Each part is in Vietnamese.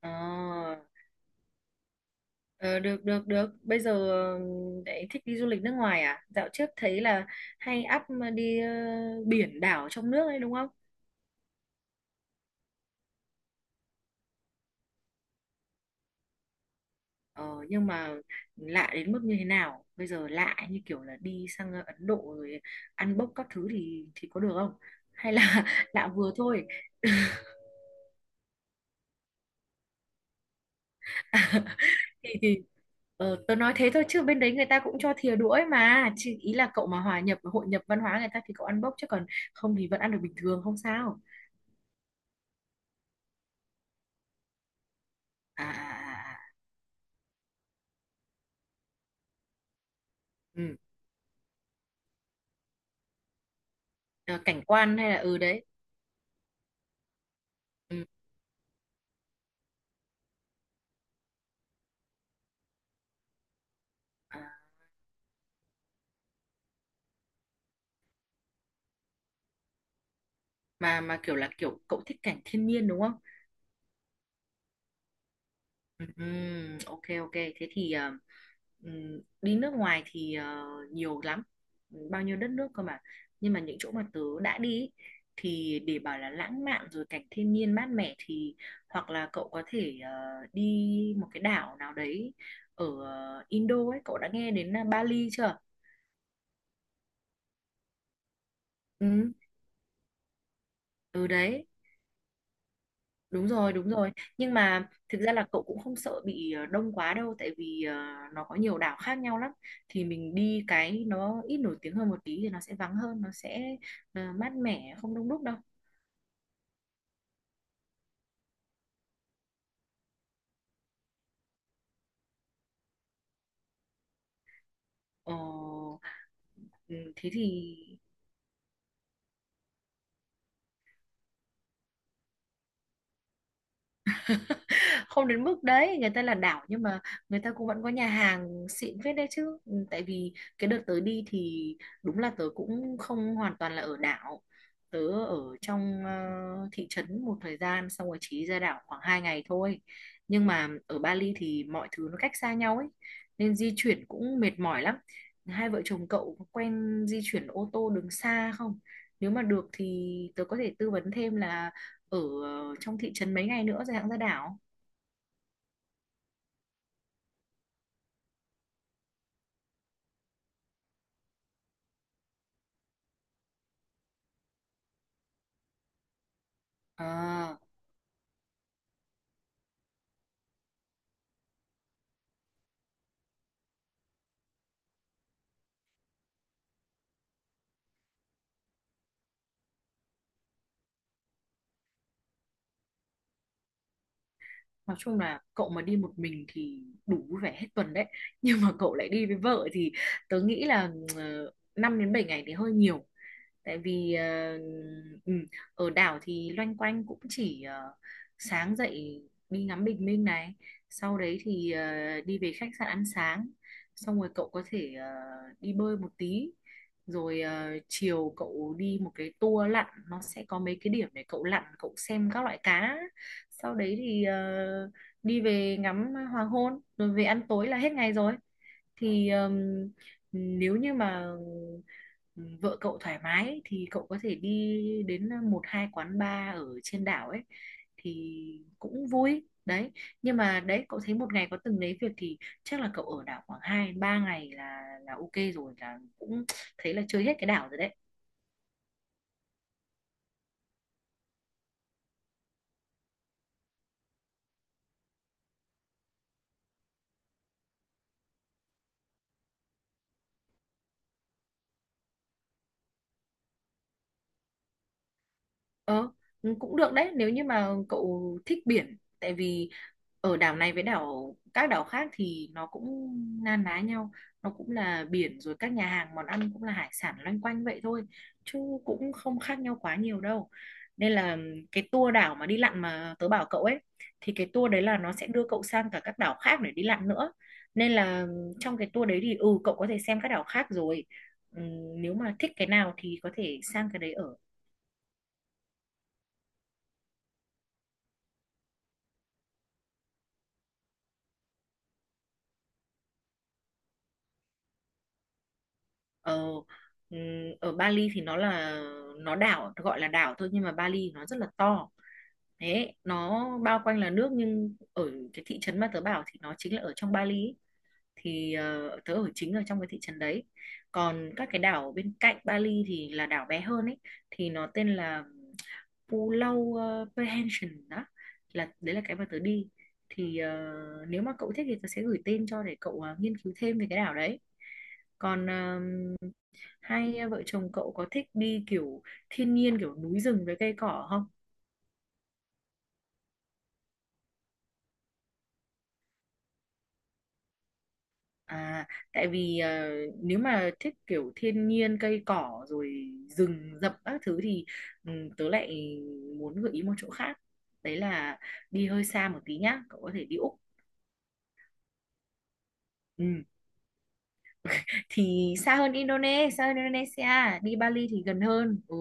Ờ, ờ, được được được. Bây giờ đấy thích đi du lịch nước ngoài à? Dạo trước thấy là hay up đi biển đảo trong nước đấy đúng không? Ờ, nhưng mà lạ đến mức như thế nào? Bây giờ lạ như kiểu là đi sang Ấn Độ rồi ăn bốc các thứ thì có được không? Hay là lạ vừa thôi? Thì tớ nói thế thôi chứ bên đấy người ta cũng cho thìa đũa ấy mà. Chỉ ý là cậu mà hòa nhập hội nhập văn hóa người ta thì cậu ăn bốc chứ còn không thì vẫn ăn được bình thường không sao. À. Ừ. À, cảnh quan hay là ừ đấy. Ừ. À, mà kiểu là kiểu cậu thích cảnh thiên nhiên đúng không? Ừ. ừ, ok ok thế thì ừ, đi nước ngoài thì nhiều lắm. Ừ, bao nhiêu đất nước cơ mà, nhưng mà những chỗ mà tớ đã đi ý, thì để bảo là lãng mạn rồi cảnh thiên nhiên mát mẻ thì hoặc là cậu có thể đi một cái đảo nào đấy ở Indo ấy. Cậu đã nghe đến Bali chưa? Ừ, ừ đấy. Đúng rồi, đúng rồi. Nhưng mà thực ra là cậu cũng không sợ bị đông quá đâu, tại vì nó có nhiều đảo khác nhau lắm. Thì mình đi cái nó ít nổi tiếng hơn một tí thì nó sẽ vắng hơn, nó sẽ mát mẻ, không đông đúc đâu. Ờ, ừ, Thế thì không đến mức đấy, người ta là đảo nhưng mà người ta cũng vẫn có nhà hàng xịn phết đấy chứ. Ừ, tại vì cái đợt tới đi thì đúng là tớ cũng không hoàn toàn là ở đảo, tớ ở trong thị trấn một thời gian xong rồi chỉ ra đảo khoảng 2 ngày thôi. Nhưng mà ở Bali thì mọi thứ nó cách xa nhau ấy, nên di chuyển cũng mệt mỏi lắm. Hai vợ chồng cậu có quen di chuyển ô tô đường xa không? Nếu mà được thì tớ có thể tư vấn thêm là ở trong thị trấn mấy ngày nữa rồi hãng ra đảo. À, nói chung là cậu mà đi một mình thì đủ vui vẻ hết tuần đấy. Nhưng mà cậu lại đi với vợ thì tớ nghĩ là 5 đến 7 ngày thì hơi nhiều. Tại vì ừ, ở đảo thì loanh quanh cũng chỉ sáng dậy đi ngắm bình minh này, sau đấy thì đi về khách sạn ăn sáng, xong rồi cậu có thể đi bơi một tí, rồi chiều cậu đi một cái tour lặn, nó sẽ có mấy cái điểm để cậu lặn, cậu xem các loại cá, sau đấy thì đi về ngắm hoàng hôn rồi về ăn tối là hết ngày rồi. Thì Nếu như mà vợ cậu thoải mái thì cậu có thể đi đến một hai quán bar ở trên đảo ấy thì cũng vui đấy. Nhưng mà đấy, cậu thấy một ngày có từng đấy việc thì chắc là cậu ở đảo khoảng hai ba ngày là ok rồi, là cũng thấy là chơi hết cái đảo rồi đấy. Ờ, Cũng được đấy nếu như mà cậu thích biển. Tại vì ở đảo này với các đảo khác thì nó cũng na ná nhau, nó cũng là biển rồi, các nhà hàng món ăn cũng là hải sản loanh quanh vậy thôi, chứ cũng không khác nhau quá nhiều đâu. Nên là cái tour đảo mà đi lặn mà tớ bảo cậu ấy, thì cái tour đấy là nó sẽ đưa cậu sang cả các đảo khác để đi lặn nữa, nên là trong cái tour đấy thì ừ cậu có thể xem các đảo khác rồi. Ừ, nếu mà thích cái nào thì có thể sang cái đấy ở. Ờ, ừm, Ở Bali thì nó đảo, gọi là đảo thôi nhưng mà Bali nó rất là to, thế nó bao quanh là nước, nhưng ở cái thị trấn mà tớ bảo thì nó chính là ở trong Bali ấy. Thì tớ ở chính ở trong cái thị trấn đấy, còn các cái đảo bên cạnh Bali thì là đảo bé hơn ấy, thì nó tên là Pulau Prehension đó, là đấy là cái mà tớ đi. Thì nếu mà cậu thích thì tớ sẽ gửi tên cho để cậu nghiên cứu thêm về cái đảo đấy. Còn ờ, Hai à, vợ chồng cậu có thích đi kiểu thiên nhiên, kiểu núi rừng với cây cỏ không? À, tại vì nếu mà thích kiểu thiên nhiên cây cỏ rồi rừng rậm các thứ thì ừ, tớ lại muốn gợi ý một chỗ khác. Đấy là đi hơi xa một tí nhá, cậu có thể đi Úc. Ừ. Thì xa hơn Indonesia, đi Bali thì gần hơn. Ừ.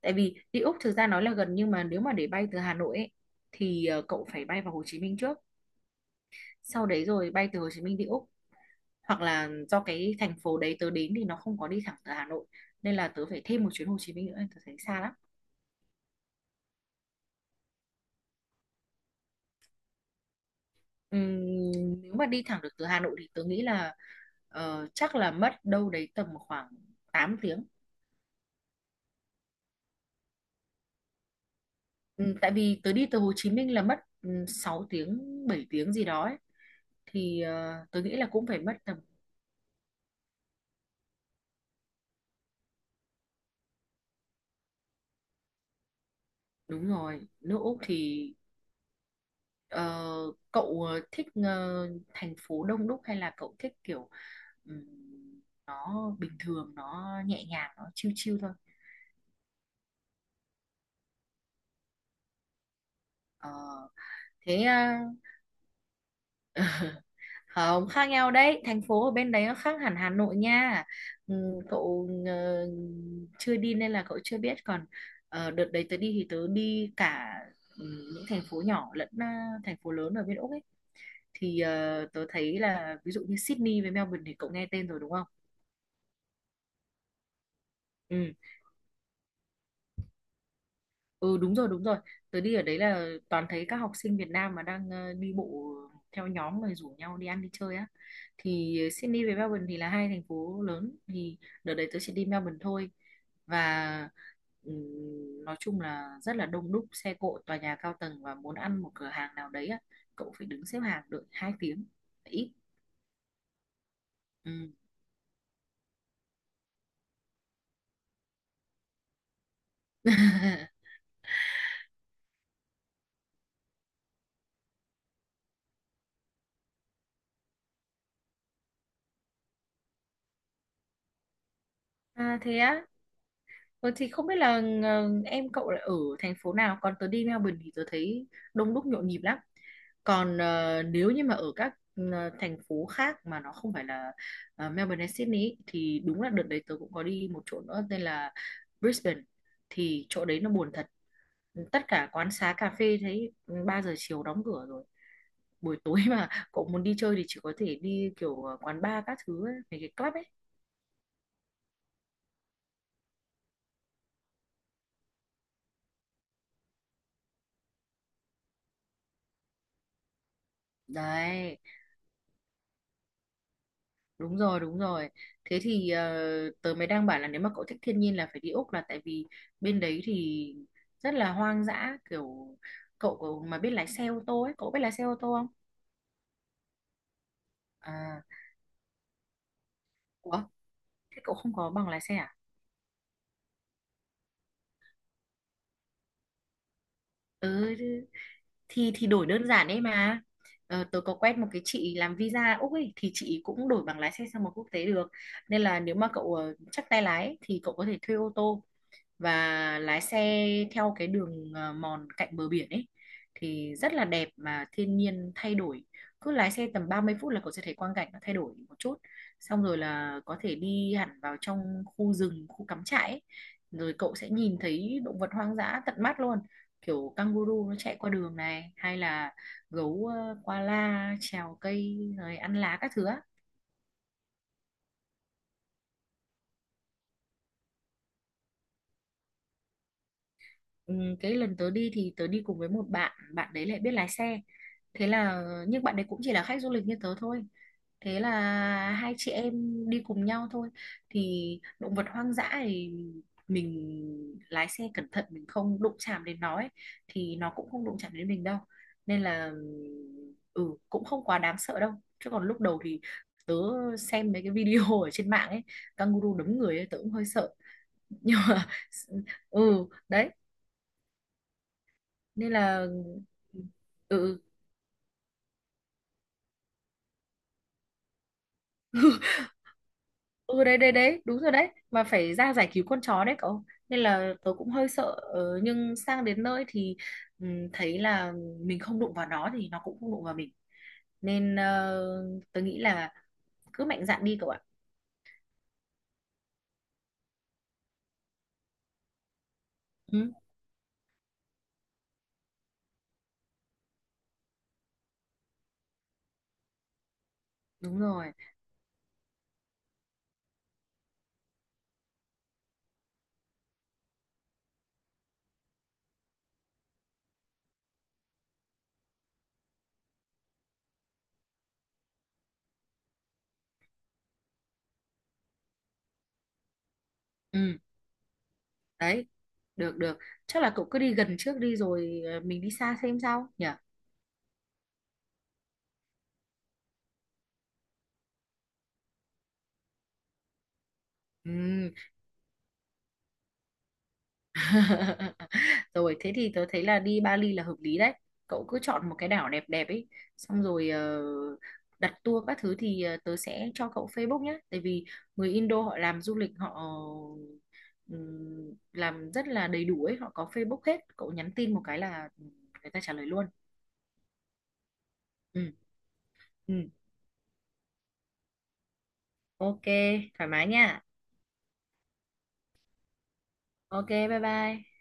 Tại vì đi Úc thực ra nói là gần, nhưng mà nếu mà để bay từ Hà Nội ấy, thì cậu phải bay vào Hồ Chí Minh trước, sau đấy rồi bay từ Hồ Chí Minh đi Úc, hoặc là do cái thành phố đấy tớ đến thì nó không có đi thẳng từ Hà Nội, nên là tớ phải thêm một chuyến Hồ Chí Minh nữa, tớ thấy xa lắm. Ừm, nếu mà đi thẳng được từ Hà Nội thì tớ nghĩ là chắc là mất đâu đấy tầm khoảng 8 tiếng. Tại vì tớ đi từ Hồ Chí Minh là mất 6 tiếng 7 tiếng gì đó ấy. Thì tớ nghĩ là cũng phải mất tầm đúng rồi, nước Úc thì. Ờ, Cậu thích thành phố đông đúc hay là cậu thích kiểu ừm, nó bình thường, nó nhẹ nhàng, nó chill chill thôi? Ờ, Thế à, không khác nhau đấy, thành phố ở bên đấy nó khác hẳn Hà Nội nha. Cậu chưa đi nên là cậu chưa biết, còn đợt đấy tớ đi thì tớ đi cả những thành phố nhỏ lẫn thành phố lớn ở bên Úc ấy. Thì tớ thấy là ví dụ như Sydney với Melbourne thì cậu nghe tên rồi đúng không? Ừ. Ừ đúng rồi đúng rồi. Tớ đi ở đấy là toàn thấy các học sinh Việt Nam mà đang đi bộ theo nhóm rồi rủ nhau đi ăn đi chơi á. Thì Sydney với Melbourne thì là hai thành phố lớn. Thì đợt đấy tớ chỉ đi Melbourne thôi. Và nói chung là rất là đông đúc, xe cộ, tòa nhà cao tầng. Và muốn ăn một cửa hàng nào đấy á, cậu phải đứng xếp hàng đợi 2 tiếng ít. Ừ. À thế á. Ờ, thì không biết là em cậu là ở thành phố nào, còn tớ đi Melbourne thì tớ thấy đông đúc nhộn nhịp lắm. Còn nếu như mà ở các thành phố khác mà nó không phải là Melbourne hay Sydney ý, thì đúng là đợt đấy tớ cũng có đi một chỗ nữa tên là Brisbane, thì chỗ đấy nó buồn thật, tất cả quán xá cà phê thấy 3 giờ chiều đóng cửa rồi. Buổi tối mà cậu muốn đi chơi thì chỉ có thể đi kiểu quán bar các thứ ấy, mấy cái club ấy đấy. Đúng rồi, đúng rồi. Thế thì tớ mới đang bảo là nếu mà cậu thích thiên nhiên là phải đi Úc, là tại vì bên đấy thì rất là hoang dã, kiểu cậu mà biết lái xe ô tô ấy, cậu biết lái xe ô tô không? À, ủa, thế cậu không có bằng lái xe à? Ừ, thì đổi đơn giản đấy mà. Ờ, tớ có quen một cái chị làm visa Úc ấy, thì chị cũng đổi bằng lái xe sang một quốc tế được. Nên là nếu mà cậu chắc tay lái ấy, thì cậu có thể thuê ô tô và lái xe theo cái đường mòn cạnh bờ biển ấy, thì rất là đẹp mà thiên nhiên thay đổi, cứ lái xe tầm 30 phút là cậu sẽ thấy quang cảnh nó thay đổi một chút, xong rồi là có thể đi hẳn vào trong khu rừng, khu cắm trại ấy. Rồi cậu sẽ nhìn thấy động vật hoang dã tận mắt luôn, kiểu kangaroo nó chạy qua đường này, hay là gấu koala trèo cây rồi ăn lá các thứ á. Ừ, cái lần tớ đi thì tớ đi cùng với một bạn, bạn đấy lại biết lái xe, thế là nhưng bạn đấy cũng chỉ là khách du lịch như tớ thôi, thế là hai chị em đi cùng nhau thôi. Thì động vật hoang dã thì mình lái xe cẩn thận, mình không đụng chạm đến nó ấy, thì nó cũng không đụng chạm đến mình đâu, nên là ừ cũng không quá đáng sợ đâu. Chứ còn lúc đầu thì tớ xem mấy cái video ở trên mạng ấy, kangaroo đấm người ấy, tớ cũng hơi sợ nhưng mà ừ đấy, nên là ừ. Ừ đấy đấy đấy đúng rồi đấy, mà phải ra giải cứu con chó đấy cậu, nên là tớ cũng hơi sợ. Ờ, nhưng sang đến nơi thì thấy là mình không đụng vào nó thì nó cũng không đụng vào mình, nên tớ nghĩ là cứ mạnh dạn đi cậu ạ. Ừ, đúng rồi. Ừ đấy, được được, chắc là cậu cứ đi gần trước đi rồi mình đi xa xem sao nhỉ. Ừ. Rồi thế thì tớ thấy là đi Bali là hợp lý đấy. Cậu cứ chọn một cái đảo đẹp đẹp ấy, xong rồi đặt tour các thứ thì tớ sẽ cho cậu Facebook nhé. Tại vì người Indo họ làm du lịch họ làm rất là đầy đủ ấy, họ có Facebook hết. Cậu nhắn tin một cái là người ta trả lời luôn. Ừ, ừ. Ok, thoải mái nha. Ok, bye bye.